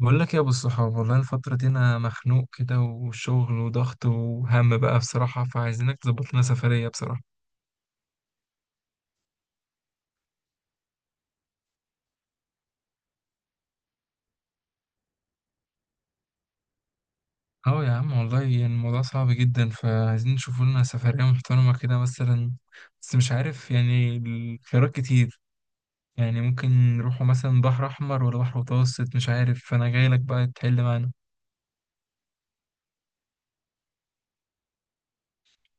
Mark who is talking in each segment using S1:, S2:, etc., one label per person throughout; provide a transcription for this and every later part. S1: بقول لك يا ابو الصحاب، والله الفترة دي انا مخنوق كده، وشغل وضغط وهم بقى بصراحة، فعايزينك تظبط لنا سفرية بصراحة. اه يا عم، والله يعني الموضوع صعب جدا، فعايزين نشوف لنا سفرية محترمة كده مثلا. بس مش عارف، يعني الخيارات كتير. يعني ممكن نروحوا مثلا بحر احمر ولا بحر متوسط، مش عارف، فانا جاي لك بقى تحل معانا.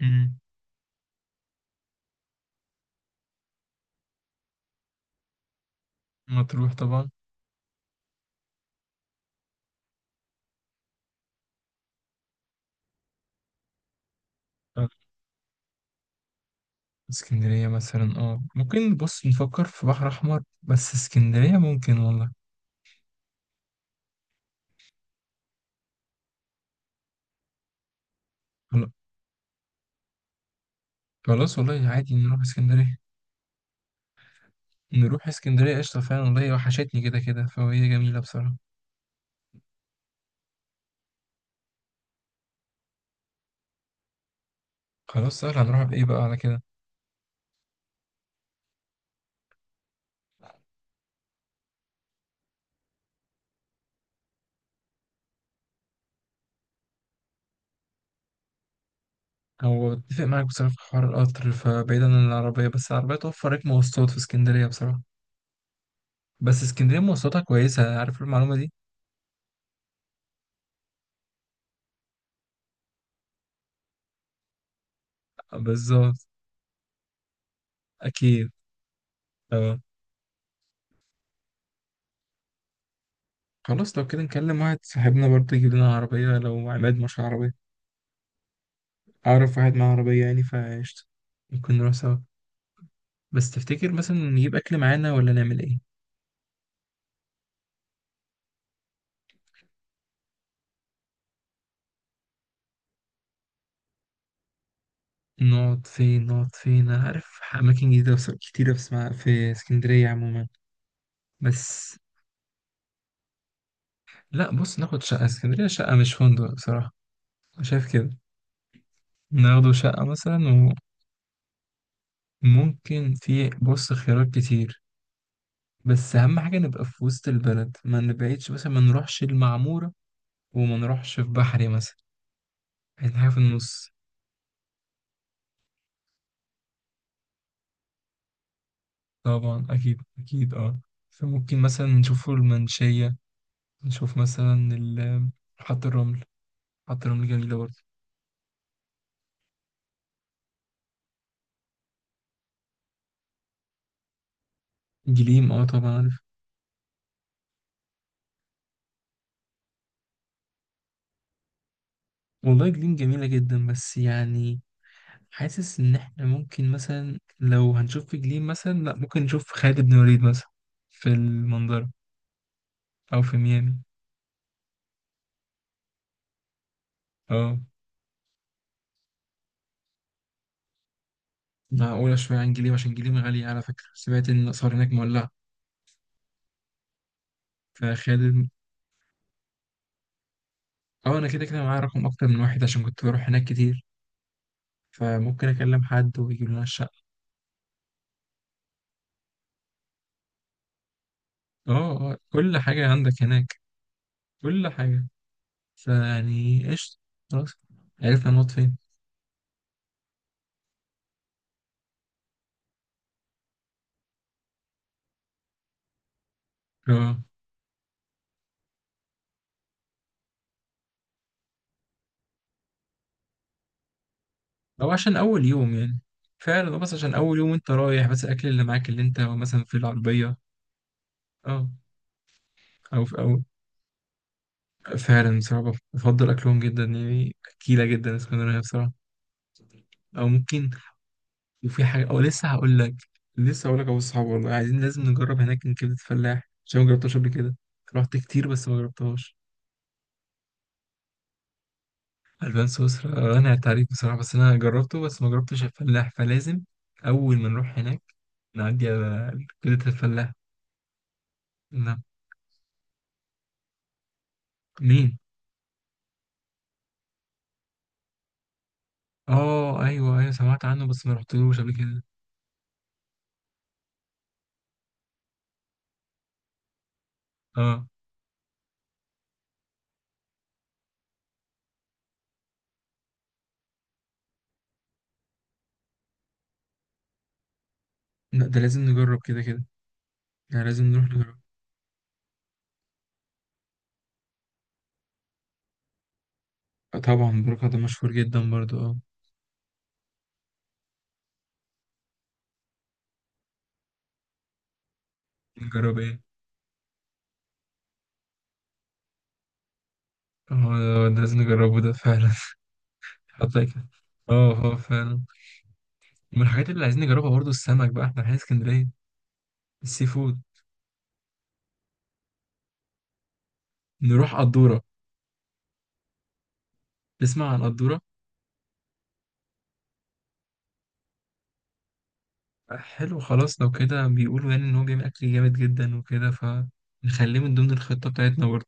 S1: امم مطروح طبعا. اسكندرية مثلا، اه ممكن، بص نفكر في بحر احمر، بس اسكندرية ممكن والله. خلاص والله، عادي نروح اسكندرية. نروح اسكندرية قشطة، فعلا والله وحشتني كده كده، فهي جميلة بصراحة. خلاص سهل، هنروح بإيه بقى على كده؟ هو اتفق معاك بصراحة في حوار القطر، فبعيدا عن العربية، بس العربية توفر لك مواصلات في اسكندرية بصراحة. بس اسكندرية مواصلاتها كويسة، عارف المعلومة دي؟ بالظبط. أكيد. اه. خلاص لو كده نكلم واحد صاحبنا برضه يجيب لنا عربية، لو عماد مش عربية. أعرف واحد معاه عربية يعني، فقشطة. ممكن نروح سوا. بس تفتكر مثلا نجيب أكل معانا ولا نعمل إيه؟ نقعد فين، انا عارف اماكن جديده كتيره في اسمها في اسكندريه عموما. بس لا، بص، ناخد شقه، اسكندريه شقه مش فندق بصراحه. أنا شايف كده. ناخده شقه مثلا. وممكن في بص خيارات كتير، بس اهم حاجه نبقى في وسط البلد، ما نبعدش مثلا، ما نروحش المعموره، وما نروحش في بحري مثلا، يعني حاجه في النص. طبعا، اكيد اكيد. اه. فممكن مثلا نشوف المنشيه، نشوف مثلا حط الرمل. حط الرمل جميله برضه. جليم، اه طبعا عارف. والله جليم جميلة جدا، بس يعني حاسس ان احنا ممكن مثلا، لو هنشوف في جليم مثلا، لا ممكن نشوف خالد بن وليد مثلا، في المنظرة، او في ميامي. اه، معقولة شوية عن جليم، عشان جليم غالية، على فكرة سمعت ان الاسعار هناك مولعة. فخالد، اه انا كده كده معايا رقم اكتر من واحد، عشان كنت بروح هناك كتير، فممكن اكلم حد ويجيب لنا الشقة. اه اه، كل حاجة عندك هناك، كل حاجة. فيعني قشطة. خلاص عرفنا نقعد فين. اه. او عشان اول يوم يعني، فعلا هو بس عشان اول يوم انت رايح، بس الاكل اللي معاك اللي انت مثلا في العربيه. اه. او في او، فعلا بصراحه بفضل اكلهم جدا، يعني اكيله جدا اسكندريه بصراحه. او ممكن، وفي حاجه، او لسه هقول لك. ابو الصحاب، والله عايزين لازم نجرب هناك من كبده فلاح، عشان ما جربتهاش قبل كده. رحت كتير بس ما جربتهاش. البان سويسرا انا عليك بصراحه، بس انا جربته، بس ما جربتش الفلاح، فلازم اول ما نروح هناك نعدي على كبده الفلاح. نعم. مين؟ اه ايوه ايوه، سمعت عنه بس ما رحتلوش قبل كده. اه، لا ده لازم نجرب كده كده، يعني لازم نروح نجرب. آه، طبعا، بروكا ده مشهور جدا برضو. اه. نجرب ايه؟ اه ده لازم نجربه ده فعلا. حطيت كده. اه اه، فعلا. من الحاجات اللي عايزين نجربها برضو السمك بقى، احنا رايحين اسكندريه. السي فود. نروح قدوره. تسمع عن قدوره؟ آه، حلو، خلاص. لو كده بيقولوا يعني ان هو بيعمل اكل جامد جدا وكده، فنخليه من ضمن الخطه بتاعتنا برضو.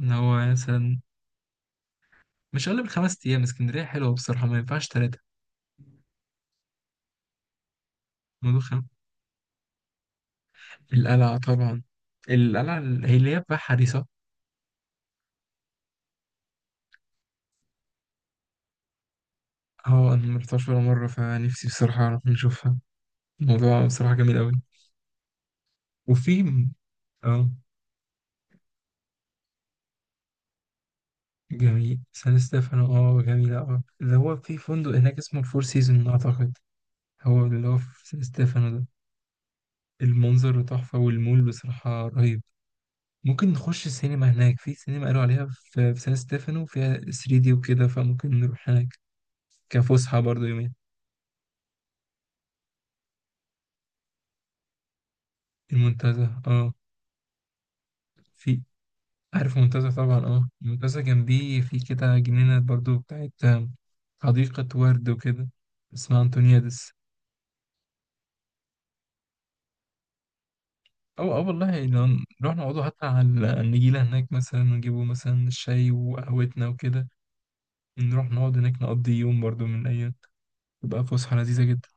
S1: ان هو مثلا مش اقل من 5 ايام، اسكندريه حلوه بصراحه، ما ينفعش تلاتة. مدخن. القلعة طبعا. القلعة، هي اللي هي بقى حديثة. اه أنا مرحتهاش ولا مرة، فنفسي بصراحة أعرف نشوفها. الموضوع بصراحة جميل أوي. وفي اه جميل سان ستيفانو، اه جميلة، اه اللي هو في فندق هناك اسمه الفور سيزون أعتقد، هو اللي هو في سان ستيفانو ده. المنظر تحفة، والمول بصراحة رهيب. ممكن نخش السينما هناك، في سينما قالوا عليها في سان ستيفانو فيها 3D وكده، فممكن نروح هناك كفسحة برضه يومين. المنتزه، اه. في عارف منتزه طبعا، اه منتزه جنبيه في كده جنينة برضو بتاعت، حديقة ورد وكده، اسمها أنتونيادس. أو أو والله لو نروح نقعدوا حتى على النجيلة هناك مثلا، ونجيبوا مثلا الشاي وقهوتنا وكده، نروح نقعد هناك نقضي يوم برضو من الأيام، تبقى فسحة لذيذة جدا.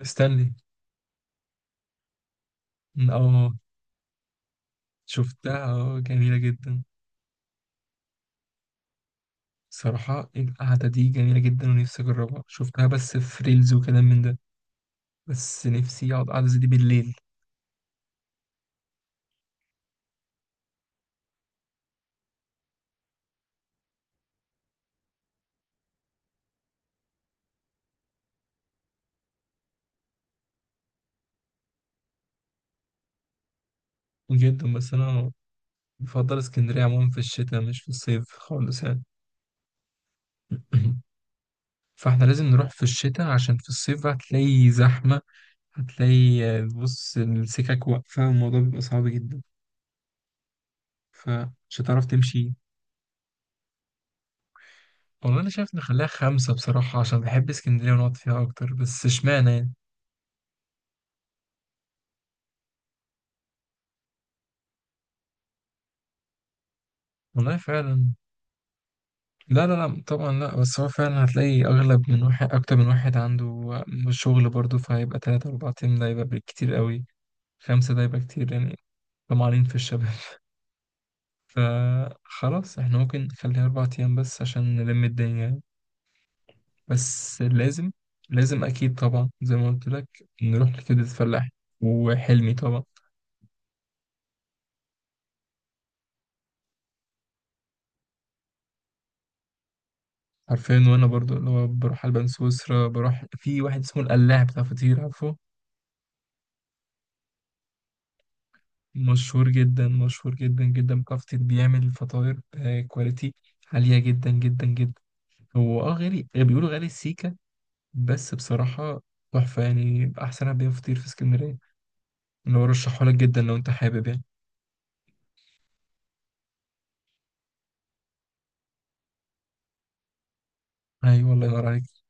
S1: استنلي. اه شفتها، اه جميلة جدا. صراحة القعدة دي جميلة جدا، ونفسي أجربها، شفتها بس في ريلز وكلام من ده، بس نفسي أقعد قعدة زي دي بالليل. جدا. بس أنا بفضل اسكندرية عموما في الشتاء مش في الصيف خالص يعني. فاحنا لازم نروح في الشتاء، عشان في الصيف بقى هتلاقي زحمة، هتلاقي، آه، بص السكك واقفة، الموضوع بيبقى صعب جدا. فمش هتعرف تمشي. والله أنا شايف نخليها خمسة بصراحة، عشان بحب اسكندرية ونقعد فيها أكتر، بس اشمعنى يعني. والله فعلا. لا لا لا طبعا لا، بس هو فعلا هتلاقي أغلب من واحد، أكتر من واحد عنده، آه، شغل برضه، فهيبقى تلاتة أربعة أيام ده يبقى بالكتير قوي، خمسة ده يبقى كتير يعني. طمعانين في الشباب. فخلاص احنا ممكن نخليها 4 أيام بس عشان نلم الدنيا يعني. بس لازم، لازم أكيد طبعا زي ما قلت لك، نروح لكبدة الفلاح، وحلمي طبعا. حرفيا. وأنا برضو اللي هو بروح ألبان سويسرا، بروح في واحد اسمه القلاع بتاع فطير، عارفه؟ مشهور جدا، مشهور جدا جدا، بتاع فطير، بيعمل فطاير آه، كواليتي عالية جدا جدا جدا. هو اه غالي، بيقولوا غالي السيكة، بس بصراحة تحفة يعني، أحسن بيع فطير في اسكندرية. اللي هو رشحهولك جدا لو أنت حابب يعني. ايوه، الله ينور عليك.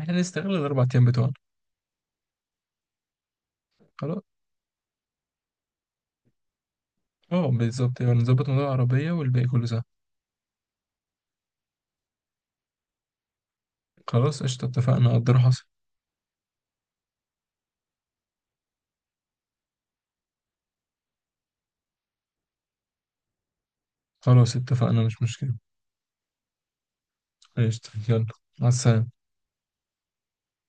S1: احنا نستغل ال4 ايام بتوعنا. خلاص. اه بالظبط، يبقى نظبط موضوع العربية والباقي كله سهل. خلاص قشطة، اتفقنا قدر حصل. خلاص اتفقنا، مش مشكلة. قشطة، يلا. مع السلامة.